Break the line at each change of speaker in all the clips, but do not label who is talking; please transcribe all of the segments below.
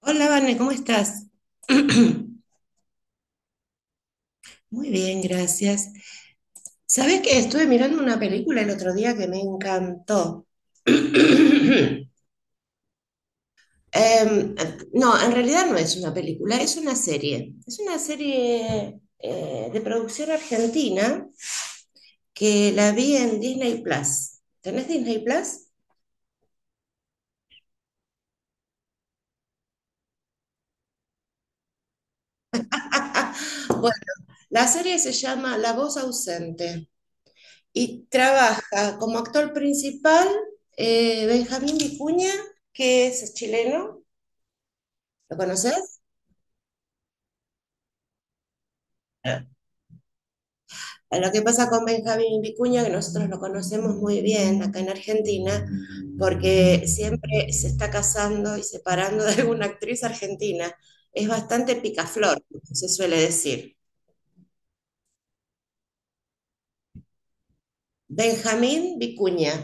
Hola, Vane, ¿cómo estás? Muy bien, gracias. ¿Sabes que estuve mirando una película el otro día que me encantó? Em, no, en realidad no es una película, es una serie. Es una serie de producción argentina que la vi en Disney Plus. ¿Tenés Disney Plus? Bueno, la serie se llama La voz ausente. Y trabaja como actor principal Benjamín Vicuña, que es chileno, ¿lo conoces? Eh, Lo que pasa con Benjamín Vicuña, que nosotros lo conocemos muy bien acá en Argentina, porque siempre se está casando y separando de alguna actriz argentina. Es bastante picaflor, se suele decir. Benjamín Vicuña.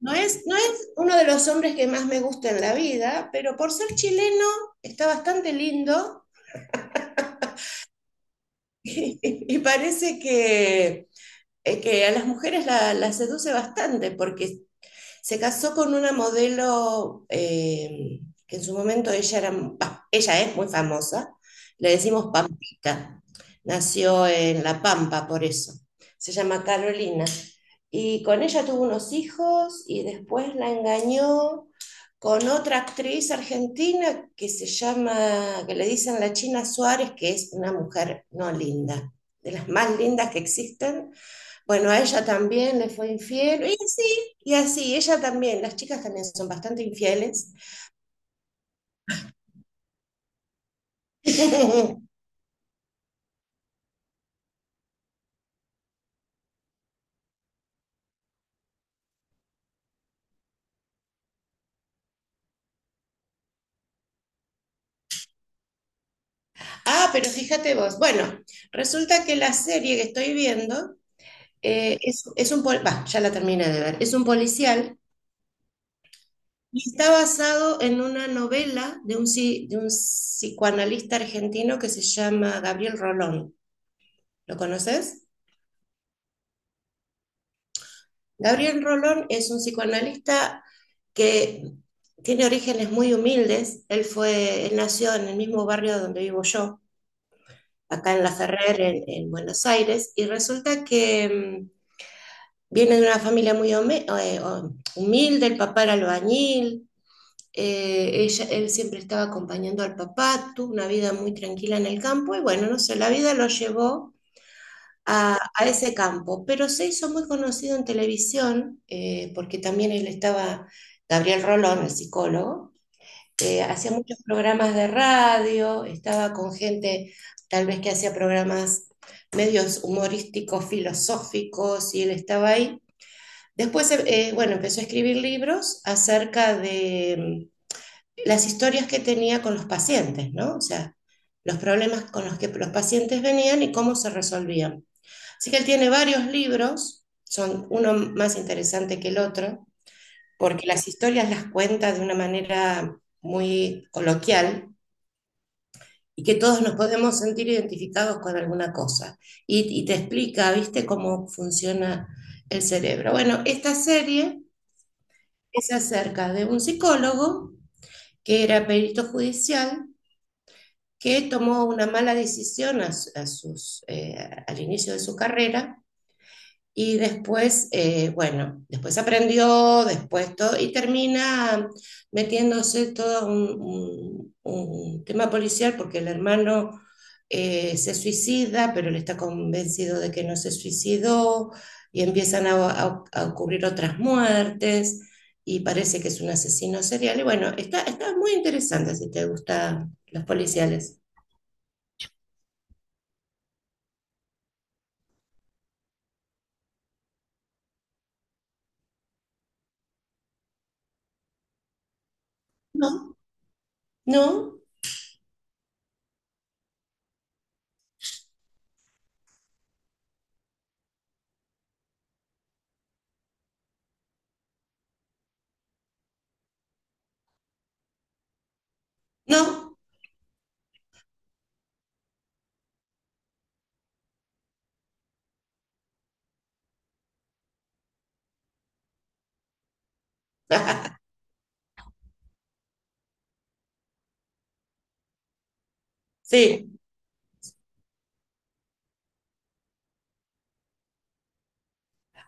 No es, uno de los hombres que más me gusta en la vida, pero por ser chileno está bastante lindo. Y parece que a las mujeres la seduce bastante porque se casó con una modelo, que en su momento ella, era, bah, ella es muy famosa, le decimos Pampita. Nació en La Pampa, por eso. Se llama Carolina. Y con ella tuvo unos hijos y después la engañó con otra actriz argentina que se llama, que le dicen la China Suárez, que es una mujer no linda, de las más lindas que existen. Bueno, a ella también le fue infiel. Y así, ella también, las chicas también son bastante infieles. Ah, pero fíjate vos. Bueno, resulta que la serie que estoy viendo, es, bah, ya la terminé de ver, es un policial y está basado en una novela de de un psicoanalista argentino que se llama Gabriel Rolón. ¿Lo conoces? Gabriel Rolón es un psicoanalista que tiene orígenes muy humildes. Él fue, él nació en el mismo barrio donde vivo yo, acá en La Ferrer, en Buenos Aires, y resulta que viene de una familia muy humilde. El papá era albañil. Él siempre estaba acompañando al papá, tuvo una vida muy tranquila en el campo, y bueno, no sé, la vida lo llevó a ese campo, pero se hizo muy conocido en televisión, porque también él estaba, Gabriel Rolón, el psicólogo, hacía muchos programas de radio, estaba con gente tal vez que hacía programas medios humorísticos, filosóficos, y él estaba ahí. Después, bueno, empezó a escribir libros acerca de, las historias que tenía con los pacientes, ¿no? O sea, los problemas con los que los pacientes venían y cómo se resolvían. Así que él tiene varios libros, son uno más interesante que el otro, porque las historias las cuenta de una manera muy coloquial, y que todos nos podemos sentir identificados con alguna cosa. Y te explica, ¿viste?, cómo funciona el cerebro. Bueno, esta serie es acerca de un psicólogo que era perito judicial, que tomó una mala decisión a sus, eh, al inicio de su carrera, y después, bueno, después aprendió, después todo, y termina metiéndose todo un tema policial porque el hermano, se suicida, pero él está convencido de que no se suicidó, y empiezan a ocurrir otras muertes, y parece que es un asesino serial. Y bueno, está, está muy interesante si te gustan los policiales. No, no, no. Sí.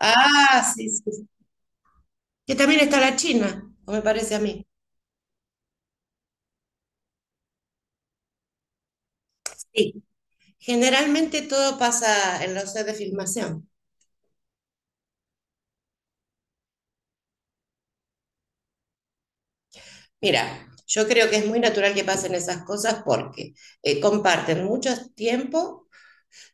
Ah, sí, sí, que también está la China, o me parece a mí. Sí, generalmente todo pasa en los sets de filmación. Mira, yo creo que es muy natural que pasen esas cosas porque comparten mucho tiempo,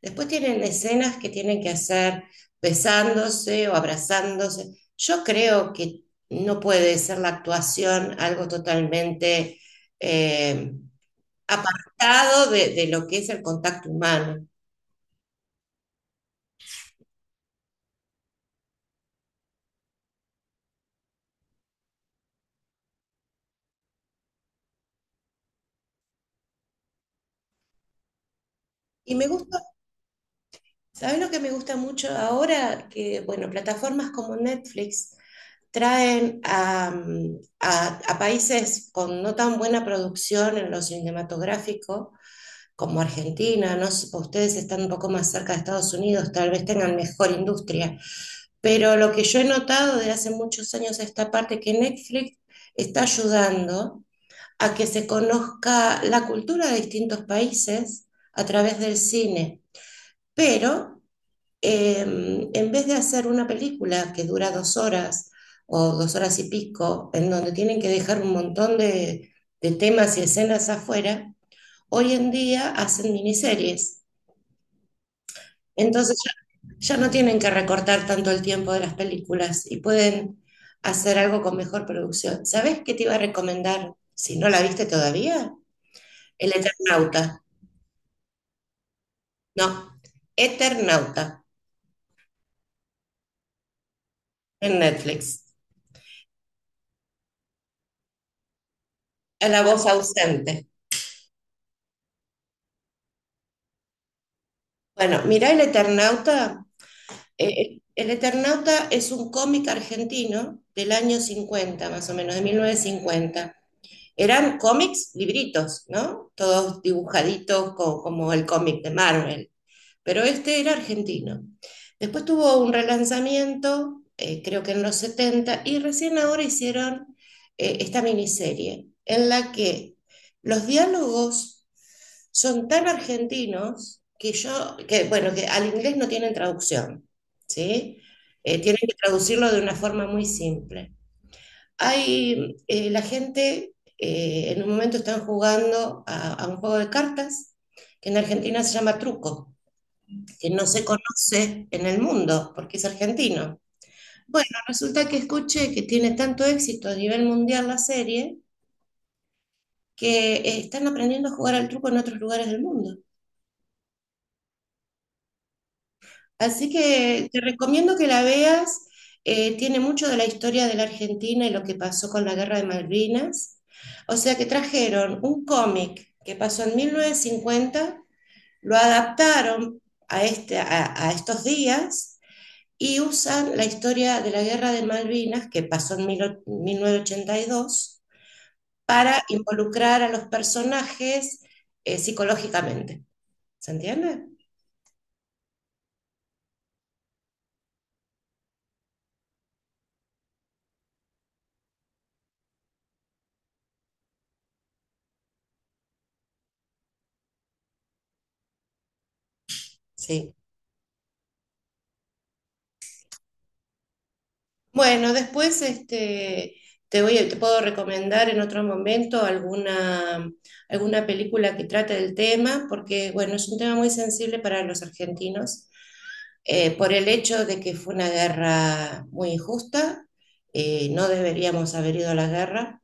después tienen escenas que tienen que hacer besándose o abrazándose. Yo creo que no puede ser la actuación algo totalmente eh, apartado de lo que es el contacto humano. Y me gusta. ¿Sabes lo que me gusta mucho ahora? Que, bueno, plataformas como Netflix traen a países con no tan buena producción en lo cinematográfico como Argentina, no sé, ustedes están un poco más cerca de Estados Unidos, tal vez tengan mejor industria, pero lo que yo he notado de hace muchos años a esta parte, que Netflix está ayudando a que se conozca la cultura de distintos países a través del cine, pero, en vez de hacer una película que dura dos horas o dos horas y pico, en donde tienen que dejar un montón de temas y escenas afuera, hoy en día hacen miniseries. Entonces ya no tienen que recortar tanto el tiempo de las películas y pueden hacer algo con mejor producción. ¿Sabes qué te iba a recomendar? Si no la viste todavía, El Eternauta. No, Eternauta en Netflix. A la voz ausente. Bueno, mirá El Eternauta. El Eternauta es un cómic argentino del año 50 más o menos, de 1950. Eran cómics, libritos, ¿no? Todos dibujaditos, como el cómic de Marvel, pero este era argentino. Después tuvo un relanzamiento, creo que en los setenta, y recién ahora hicieron esta miniserie, en la que los diálogos son tan argentinos que yo, que bueno, que al inglés no tienen traducción, ¿sí? Tienen que traducirlo de una forma muy simple. Hay, la gente, en un momento están jugando a un juego de cartas, que en Argentina se llama truco, que no se conoce en el mundo, porque es argentino. Bueno, resulta que escuché que tiene tanto éxito a nivel mundial la serie, que están aprendiendo a jugar al truco en otros lugares del mundo. Así que te recomiendo que la veas. Tiene mucho de la historia de la Argentina y lo que pasó con la Guerra de Malvinas. O sea que trajeron un cómic que pasó en 1950, lo adaptaron a, este, a estos días, y usan la historia de la Guerra de Malvinas, que pasó en mil novecientos ochenta y dos, para involucrar a los personajes psicológicamente. ¿Se entiende? Sí. Bueno, después este, te puedo recomendar en otro momento alguna, alguna película que trate del tema, porque bueno, es un tema muy sensible para los argentinos, por el hecho de que fue una guerra muy injusta, no deberíamos haber ido a la guerra,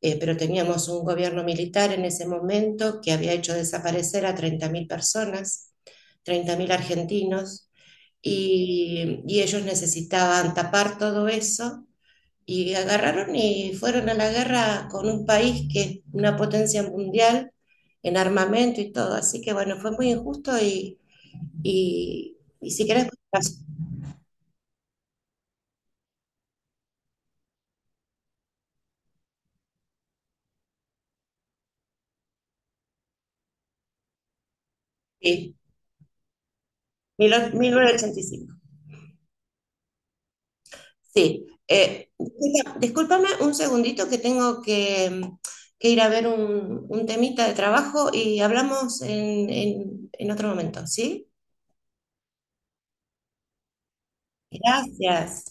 pero teníamos un gobierno militar en ese momento que había hecho desaparecer a 30.000 personas, 30.000 argentinos, y ellos necesitaban tapar todo eso y agarraron y fueron a la guerra con un país que es una potencia mundial en armamento y todo. Así que bueno, fue muy injusto y si querés, sí, 1985. Sí, discúlpame un segundito que tengo que ir a ver un temita de trabajo, y hablamos en otro momento, ¿sí? Gracias.